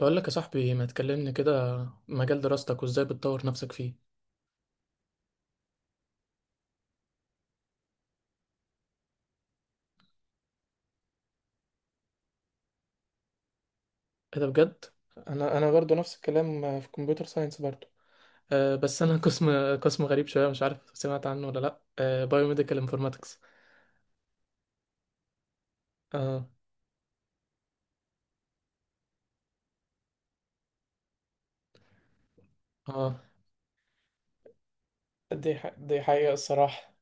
بقول لك يا صاحبي ما تكلمني كده. مجال دراستك وازاي بتطور نفسك فيه؟ ايه ده بجد. انا برضو نفس الكلام، في كمبيوتر ساينس برضو. أه بس انا قسم غريب شويه، مش عارف سمعت عنه ولا لا، أه، بايوميديكال انفورماتكس. اه اه. دي حقيقة الصراحة.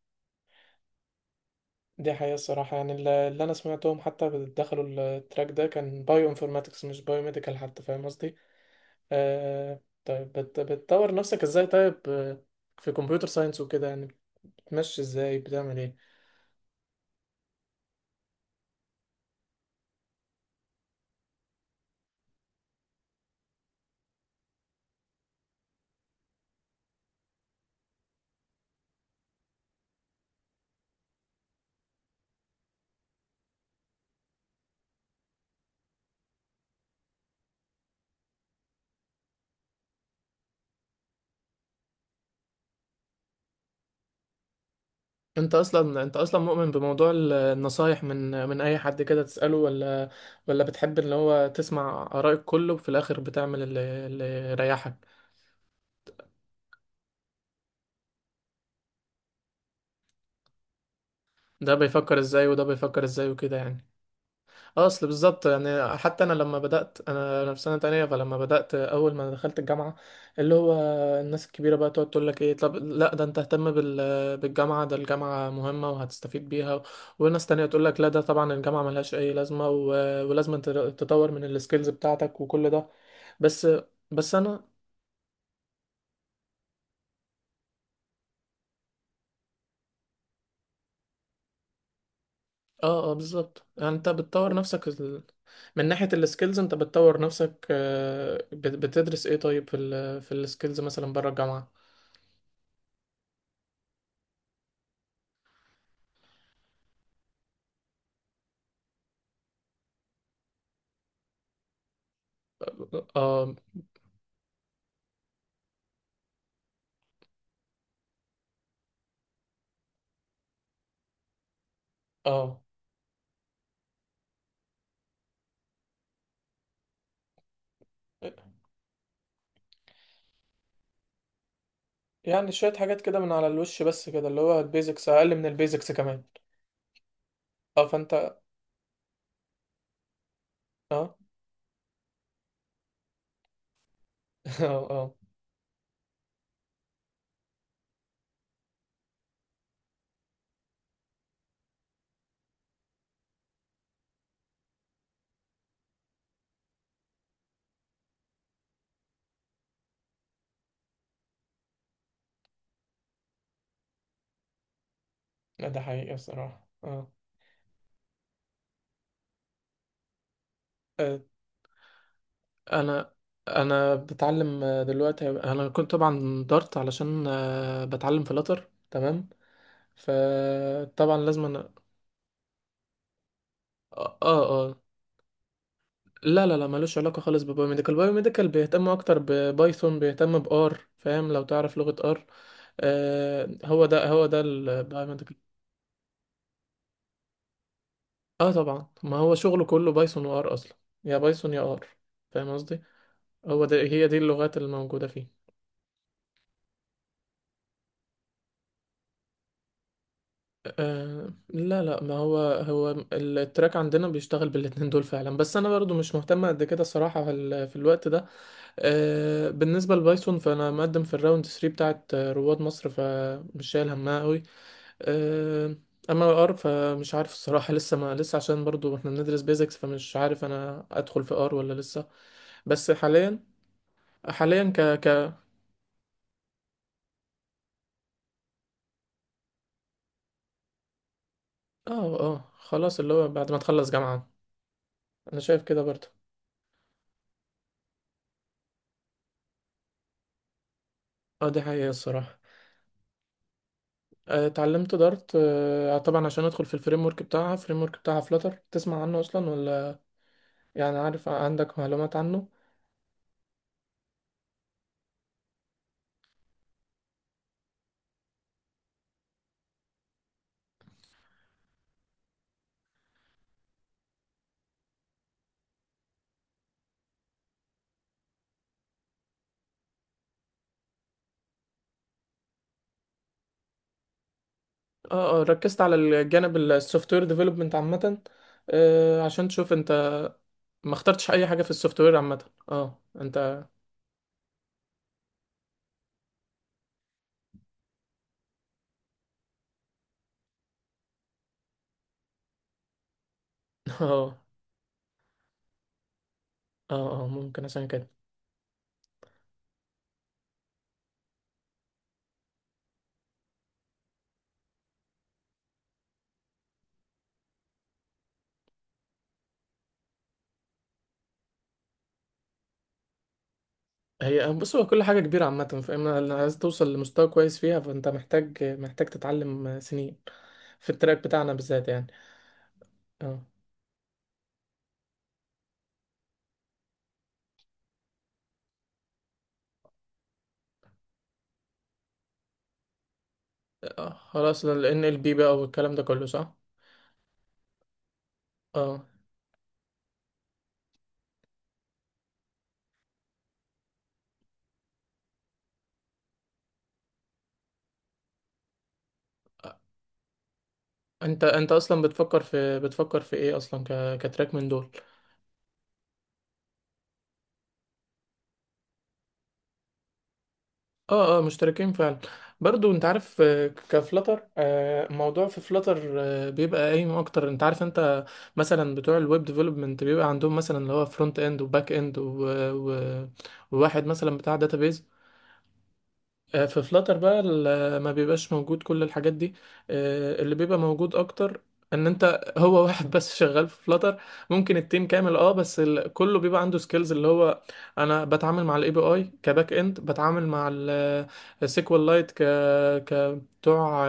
دي حقيقة الصراحة، يعني اللي أنا سمعتهم حتى دخلوا التراك ده كان بايو انفورماتكس مش بايو ميديكال، حتى فاهم قصدي؟ آه... طيب بتطور نفسك ازاي طيب؟ في كمبيوتر ساينس وكده، يعني بتمشي ازاي، بتعمل ايه؟ انت اصلا مؤمن بموضوع النصايح من اي حد كده تسأله، ولا ولا بتحب اللي هو تسمع آراء الكل وفي الاخر بتعمل اللي اللي يريحك؟ ده بيفكر ازاي وده بيفكر ازاي وكده يعني. اصل بالظبط يعني. حتى انا لما بدات، انا في سنه تانية، فلما بدات اول ما دخلت الجامعه، اللي هو الناس الكبيره بقى تقعد تقول لك ايه، طب لا ده انت اهتم بال بالجامعه، ده الجامعه مهمه وهتستفيد بيها. وناس تانية تقول لك لا ده طبعا الجامعه ملهاش اي لازمه، ولازم أنت تطور من السكيلز بتاعتك وكل ده. بس بس انا اه اه بالظبط. يعني انت بتطور نفسك من ناحيه السكيلز، انت بتطور نفسك، بتدرس ايه طيب في في السكيلز مثلا بره الجامعه؟ اه اه. يعني شوية حاجات كده من على الوش بس كده، اللي هو البيزكس أقل من البيزكس كمان. اه فأنت اه اه اه، ده حقيقي بصراحة اه. آه، أنا أنا بتعلم، دلوقتي أنا كنت طبعا دارت علشان، بتعلم فلاتر تمام، فطبعا لازم أنا اه اه آه. لا لا لا ملوش علاقة خالص ببايوميديكال. بايوميديكال بيهتم أكتر ببايثون، بيهتم بآر، فاهم؟ لو تعرف لغة آر. هو ده هو ده. اه طبعا ما هو شغله كله بايثون وار اصلا، يا بايثون يا ار، فاهم قصدي؟ هو ده هي دي اللغات الموجودة فيه. آه لا لا ما هو هو التراك عندنا بيشتغل بالاتنين دول فعلا، بس انا برضو مش مهتم قد كده الصراحة في الوقت ده. آه بالنسبة لبايثون فانا مقدم في الراوند 3 بتاعت، رواد مصر، فمش شايل همها قوي. آه اما ار فمش عارف الصراحة لسه ما لسه، عشان برضو احنا بندرس بيزكس، فمش عارف انا ادخل في ار ولا لسه. بس حاليا حاليا ك ك اه اه خلاص، اللي هو بعد ما تخلص جامعة. انا شايف كده برضه. اه دي حقيقة الصراحة. اتعلمت دارت، طبعا عشان ادخل في الفريم ورك بتاعها. فريم ورك بتاعها فلاتر، تسمع عنه اصلا ولا؟ يعني عارف عندك معلومات عنه؟ اه اه ركزت على الجانب السوفت وير ديفلوبمنت عامة، عشان تشوف انت. ما اخترتش اي حاجة في السوفت وير عامة؟ اه انت اه اه اه ممكن عشان كده. هي بص، هو كل حاجة كبيرة عامة، فاما لو عايز توصل لمستوى كويس فيها، فانت محتاج تتعلم سنين، في التراك بتاعنا بالذات يعني. اه خلاص ال NLP بقى والكلام ده كله صح؟ اه انت اصلا بتفكر في بتفكر في ايه اصلا كتراك من دول؟ اه اه مشتركين فعلا. برضو انت عارف، كفلتر، الموضوع في فلتر، بيبقى قايم اكتر. انت عارف انت مثلا بتوع الويب ديفلوبمنت بيبقى عندهم مثلا اللي هو فرونت اند وباك اند و- وواحد مثلا بتاع داتابيز. في فلاتر بقى ما بيبقاش موجود كل الحاجات دي. اللي بيبقى موجود اكتر ان انت هو واحد بس شغال في فلاتر، ممكن التيم كامل اه بس كله بيبقى عنده سكيلز اللي هو انا بتعامل مع الاي بي اي كباك اند، بتعامل مع السيكوال لايت ك بتوع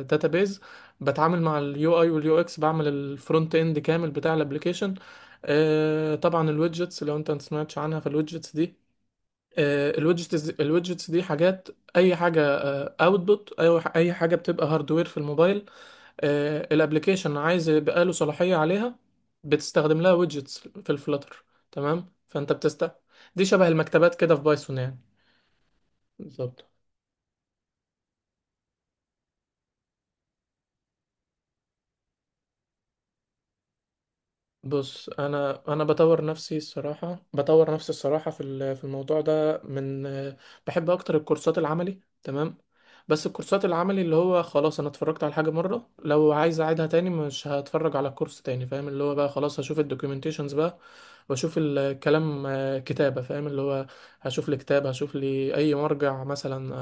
داتابيز، بتعامل مع اليو اي واليو اكس، بعمل الفرونت اند كامل بتاع الابليكيشن. طبعا الويدجتس لو انت ما سمعتش عنها، فالويدجتس، الويدجتس دي حاجات، اي حاجه اوتبوت، اي اي حاجه بتبقى هاردوير في الموبايل، الابلكيشن عايز يبقى له صلاحيه عليها، بتستخدم لها ويدجتس في الفلاتر. تمام فانت بتست. دي شبه المكتبات كده في بايثون يعني. بالظبط. بص انا بطور نفسي الصراحه. بطور نفسي الصراحه في في الموضوع ده من، بحب اكتر الكورسات العملي تمام. بس الكورسات العملي اللي هو خلاص انا اتفرجت على حاجه مره، لو عايز اعيدها تاني مش هتفرج على كورس تاني، فاهم؟ اللي هو بقى خلاص هشوف الدوكيومنتيشنز بقى واشوف الكلام، كتابه فاهم، اللي هو هشوف لي كتاب، هشوف لي اي مرجع مثلا،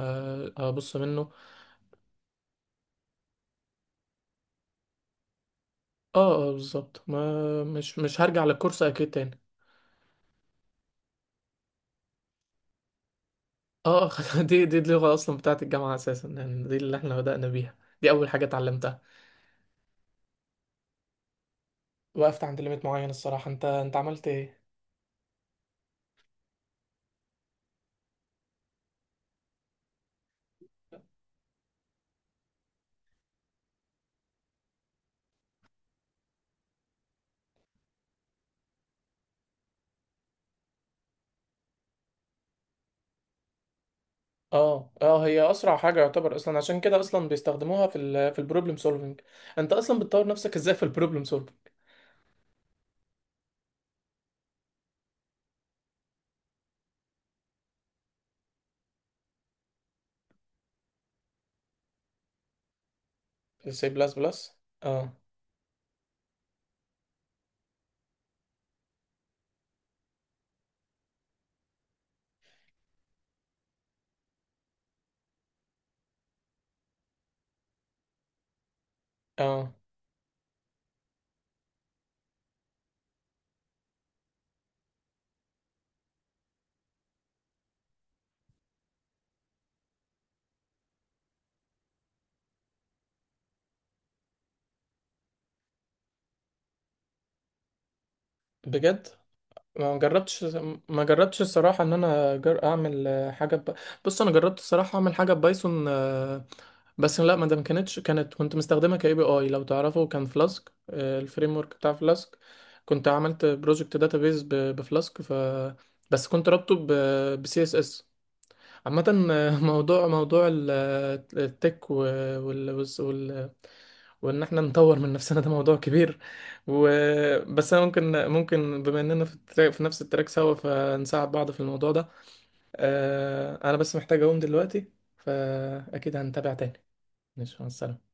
ابص منه. اه اه بالظبط، ما مش هرجع للكورس اكيد تاني. اه دي اللغة أصلا بتاعة الجامعة أساسا يعني، دي اللي احنا بدأنا بيها. دي أول حاجة اتعلمتها. وقفت عند ليميت معين الصراحة. انت عملت ايه؟ اه اه هي أسرع حاجة يعتبر أصلا، عشان كده أصلا بيستخدموها في ال في البروبلم سولفينج. انت أصلا بتطور نفسك ازاي في البروبلم سولفينج؟ سي بلس بلس اه اه بجد؟ ما جربتش. ما جربتش الصراحة ان انا اعمل حاجة بص انا جربت الصراحة اعمل حاجة ببايثون، آه، بس لا ما ده ما كانتش، كانت كنت مستخدمة كاي بي اي لو تعرفه، كان فلاسك الفريم ورك بتاع فلاسك. كنت عملت بروجكت داتابيز بفلاسك ف بس كنت رابطه ب سي اس اس عامة. موضوع التك وان احنا نطور من نفسنا ده موضوع كبير. و... بس انا ممكن ممكن بما اننا التراك في نفس التراك سوا، فنساعد بعض في الموضوع ده. انا بس محتاج اقوم دلوقتي، فاكيد هنتابع تاني. ماشي مع السلامة.